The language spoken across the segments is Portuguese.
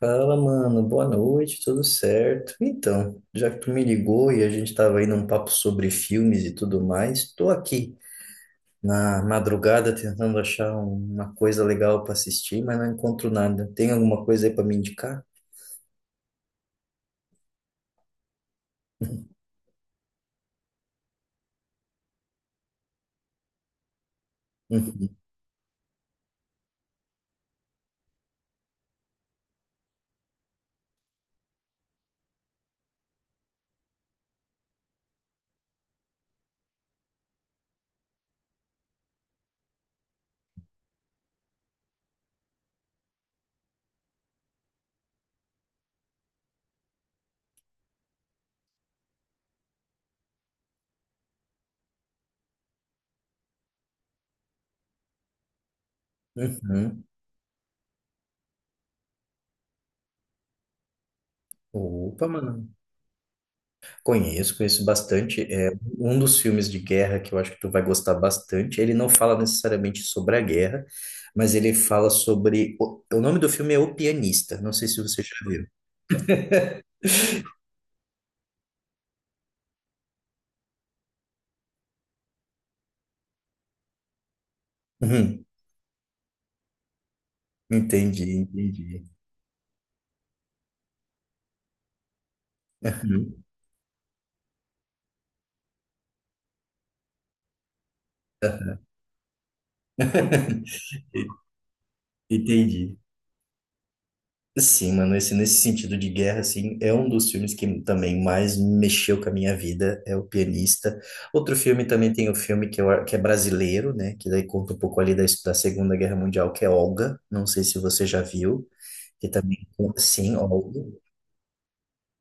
Fala, mano. Boa noite, tudo certo? Então, já que tu me ligou e a gente tava aí num papo sobre filmes e tudo mais, tô aqui na madrugada tentando achar uma coisa legal para assistir, mas não encontro nada. Tem alguma coisa aí para me indicar? Uhum, uhum. Opa, mano. Conheço, conheço bastante. É um dos filmes de guerra que eu acho que tu vai gostar bastante. Ele não fala necessariamente sobre a guerra, mas ele fala sobre. O nome do filme é O Pianista. Não sei se você já viu. Uhum. Entendi, entendi. Uhum. Entendi. Sim, mano, nesse sentido de guerra, assim, é um dos filmes que também mais mexeu com a minha vida, é O Pianista. Outro filme também tem o filme que, eu, que é brasileiro, né, que daí conta um pouco ali da Segunda Guerra Mundial, que é Olga, não sei se você já viu, que também, sim, Olga.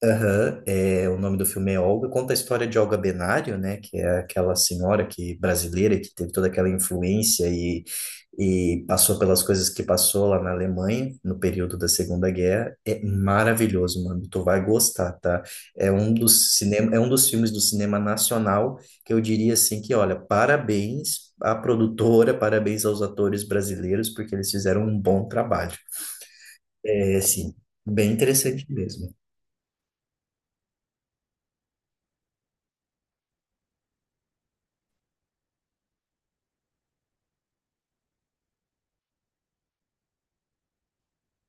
Aham, é, o nome do filme é Olga, conta a história de Olga Benário, né, que é aquela senhora que brasileira que teve toda aquela influência e passou pelas coisas que passou lá na Alemanha no período da Segunda Guerra. É maravilhoso, mano, tu vai gostar, tá? É um dos cinema, é um dos filmes do cinema nacional que eu diria assim que, olha, parabéns à produtora, parabéns aos atores brasileiros porque eles fizeram um bom trabalho. É, assim, bem interessante mesmo.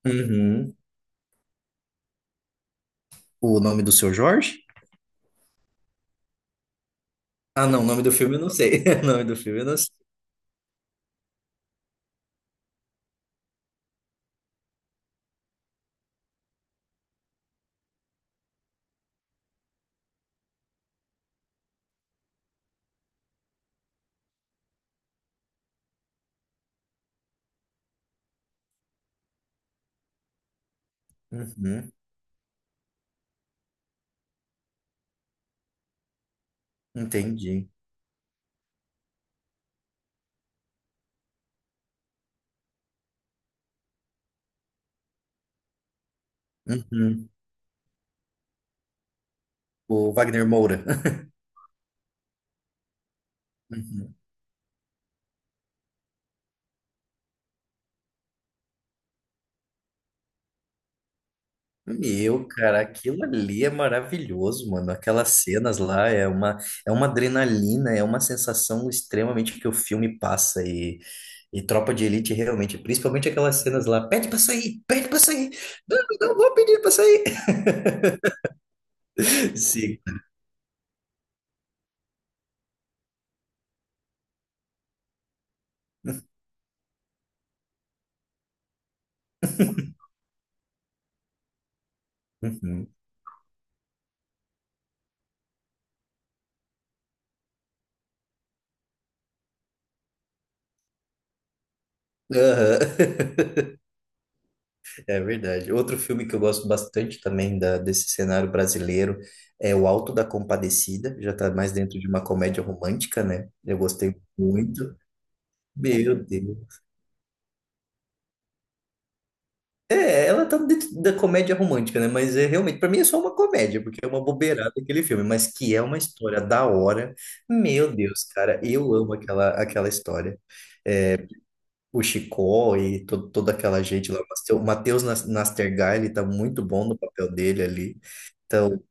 Uhum. O nome do seu Jorge? Ah, não, o nome do filme eu não sei. O nome do filme eu não sei. Uhum, entendi. Uhum. O Wagner Moura. Uhum. Meu, cara, aquilo ali é maravilhoso, mano. Aquelas cenas lá é uma adrenalina, é uma sensação extremamente que o filme passa. E Tropa de Elite, realmente, principalmente aquelas cenas lá: pede pra sair, pede pra sair. Não, não vou pedir pra sair. Sim. Uhum. Aham. É verdade. Outro filme que eu gosto bastante também da, desse cenário brasileiro é O Alto da Compadecida. Já tá mais dentro de uma comédia romântica, né? Eu gostei muito. Meu Deus. É, ela tá dentro da comédia romântica, né? Mas é realmente, para mim é só uma comédia, porque é uma bobeirada aquele filme, mas que é uma história da hora. Meu Deus, cara, eu amo aquela, aquela história. O Chicó e toda aquela gente lá. O Matheus Nastergal, ele tá muito bom no papel dele ali. Então,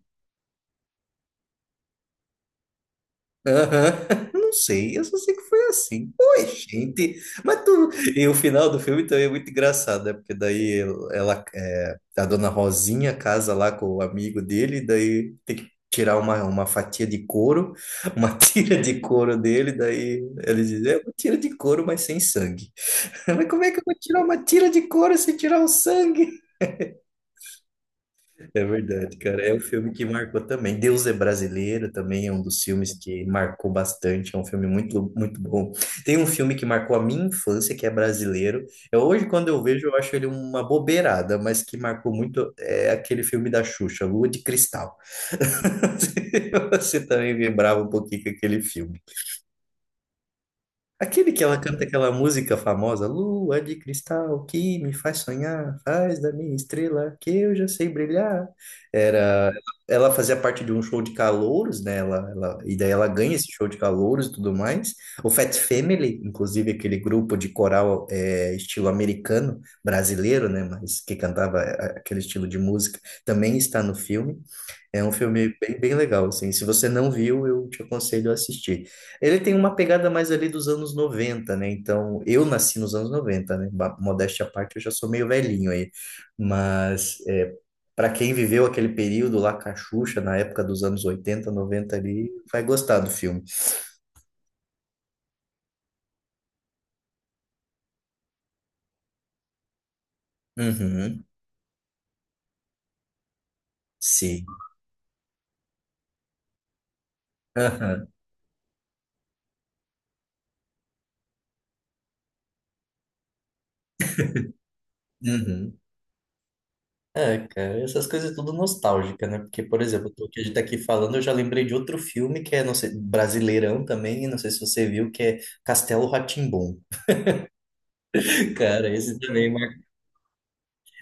aham, não sei, eu só sei que foi assim. Oi, gente. Mas tu. E o final do filme também é muito engraçado, né? Porque daí ela, é, a dona Rosinha casa lá com o amigo dele, e daí tem que tirar uma fatia de couro, uma tira de couro dele, daí ele diz: é uma tira de couro, mas sem sangue. Mas como é que eu vou tirar uma tira de couro sem tirar o sangue? É verdade, cara. É o filme que marcou também. Deus é Brasileiro também é um dos filmes que marcou bastante. É um filme muito, muito bom. Tem um filme que marcou a minha infância, que é brasileiro. Eu, hoje, quando eu vejo, eu acho ele uma bobeirada, mas que marcou muito é aquele filme da Xuxa, Lua de Cristal. Você também vibrava um pouquinho com aquele filme. Aquele que ela canta aquela música famosa, Lua de cristal que me faz sonhar, faz da minha estrela que eu já sei brilhar. Era, ela fazia parte de um show de calouros, né? Ela e daí ela ganha esse show de calouros e tudo mais. O Fat Family, inclusive aquele grupo de coral é, estilo americano, brasileiro, né? Mas que cantava é, aquele estilo de música, também está no filme. É um filme bem, bem legal, assim. Se você não viu, eu te aconselho a assistir. Ele tem uma pegada mais ali dos anos 90, né? Então, eu nasci nos anos 90, né? Modéstia à parte, eu já sou meio velhinho aí. Mas, é, para quem viveu aquele período lá com a Xuxa, na época dos anos 80, 90 ali, vai gostar do filme. Uhum, sim. Aham, uhum. É, cara, essas coisas é tudo nostálgica, né? Porque, por exemplo, o que a gente tá aqui falando, eu já lembrei de outro filme que é, não sei, brasileirão também, não sei se você viu, que é Castelo rá cara, esse também é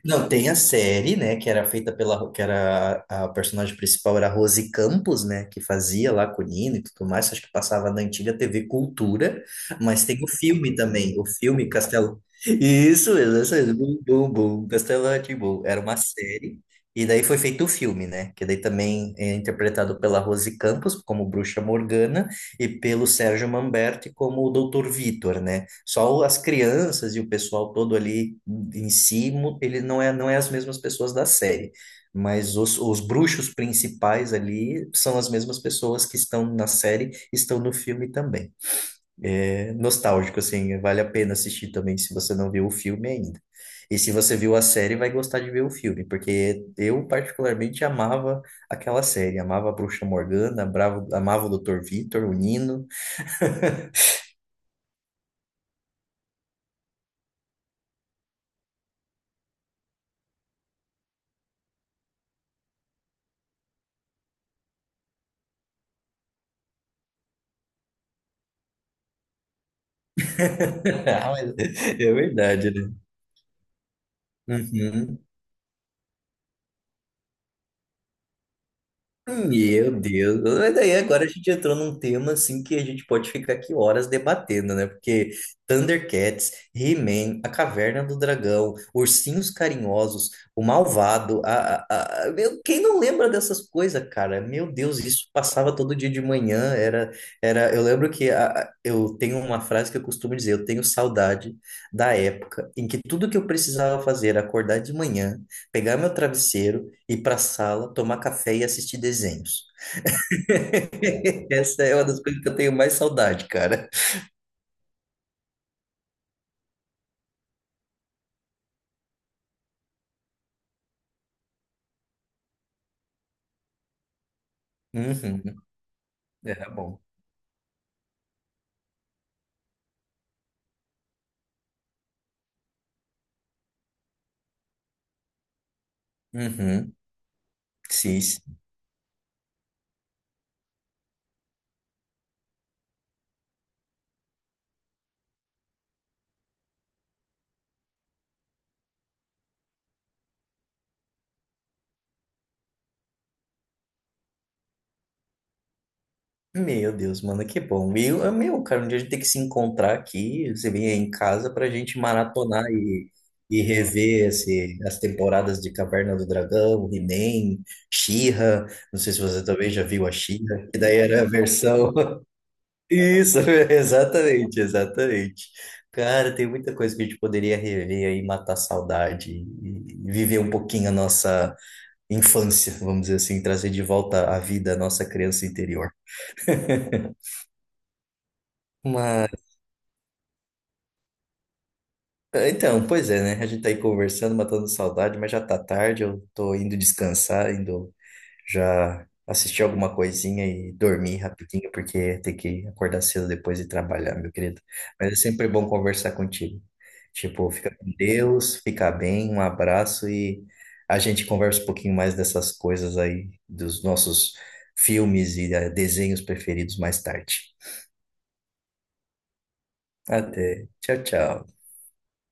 não, tem a série, né, que era feita pela, que era a personagem principal era a Rose Campos, né, que fazia lá com o Nino e tudo mais, acho que passava na antiga TV Cultura, mas tem o filme também, o filme Castelo. Isso mesmo, bum, bum, bum, Castelo rá tim era uma série, e daí foi feito o filme, né, que daí também é interpretado pela Rose Campos como Bruxa Morgana e pelo Sérgio Manberti como o Doutor Vitor, né, só as crianças e o pessoal todo ali em si, mu- ele não é, não é as mesmas pessoas da série. Mas os bruxos principais ali são as mesmas pessoas que estão na série, estão no filme também. É nostálgico, assim, vale a pena assistir também se você não viu o filme ainda. E se você viu a série, vai gostar de ver o filme, porque eu particularmente amava aquela série, amava a Bruxa Morgana, bravo- amava o Dr. Vitor, o Nino. Ah, mas é verdade, né? Uhum. Meu Deus, mas daí agora a gente entrou num tema assim que a gente pode ficar aqui horas debatendo, né? Porque Thundercats, He-Man, A Caverna do Dragão, Ursinhos Carinhosos, O Malvado, meu, quem não lembra dessas coisas, cara? Meu Deus, isso passava todo dia de manhã, eu lembro que eu tenho uma frase que eu costumo dizer, eu tenho saudade da época em que tudo que eu precisava fazer era acordar de manhã, pegar meu travesseiro, ir para a sala, tomar café e assistir desenhos. Essa é uma das coisas que eu tenho mais saudade, cara. Uhum. Era bom. Uhum. Sim. Sim. Meu Deus, mano, que bom. E eu, meu, cara, um dia a gente tem que se encontrar aqui. Você vem aí em casa pra gente maratonar e rever as temporadas de Caverna do Dragão, He-Man, She-Ra. Não sei se você também já viu a She-Ra, que daí era a versão. Isso, exatamente, exatamente. Cara, tem muita coisa que a gente poderia rever aí, matar a saudade e viver um pouquinho a nossa infância, vamos dizer assim, trazer de volta à vida a nossa criança interior. Mas então, pois é, né? A gente tá aí conversando, matando saudade, mas já tá tarde, eu tô indo descansar, indo já assistir alguma coisinha e dormir rapidinho, porque tem que acordar cedo depois e trabalhar, meu querido. Mas é sempre bom conversar contigo. Tipo, fica com Deus, fica bem, um abraço e a gente conversa um pouquinho mais dessas coisas aí, dos nossos filmes e desenhos preferidos mais tarde. Até. Tchau, tchau.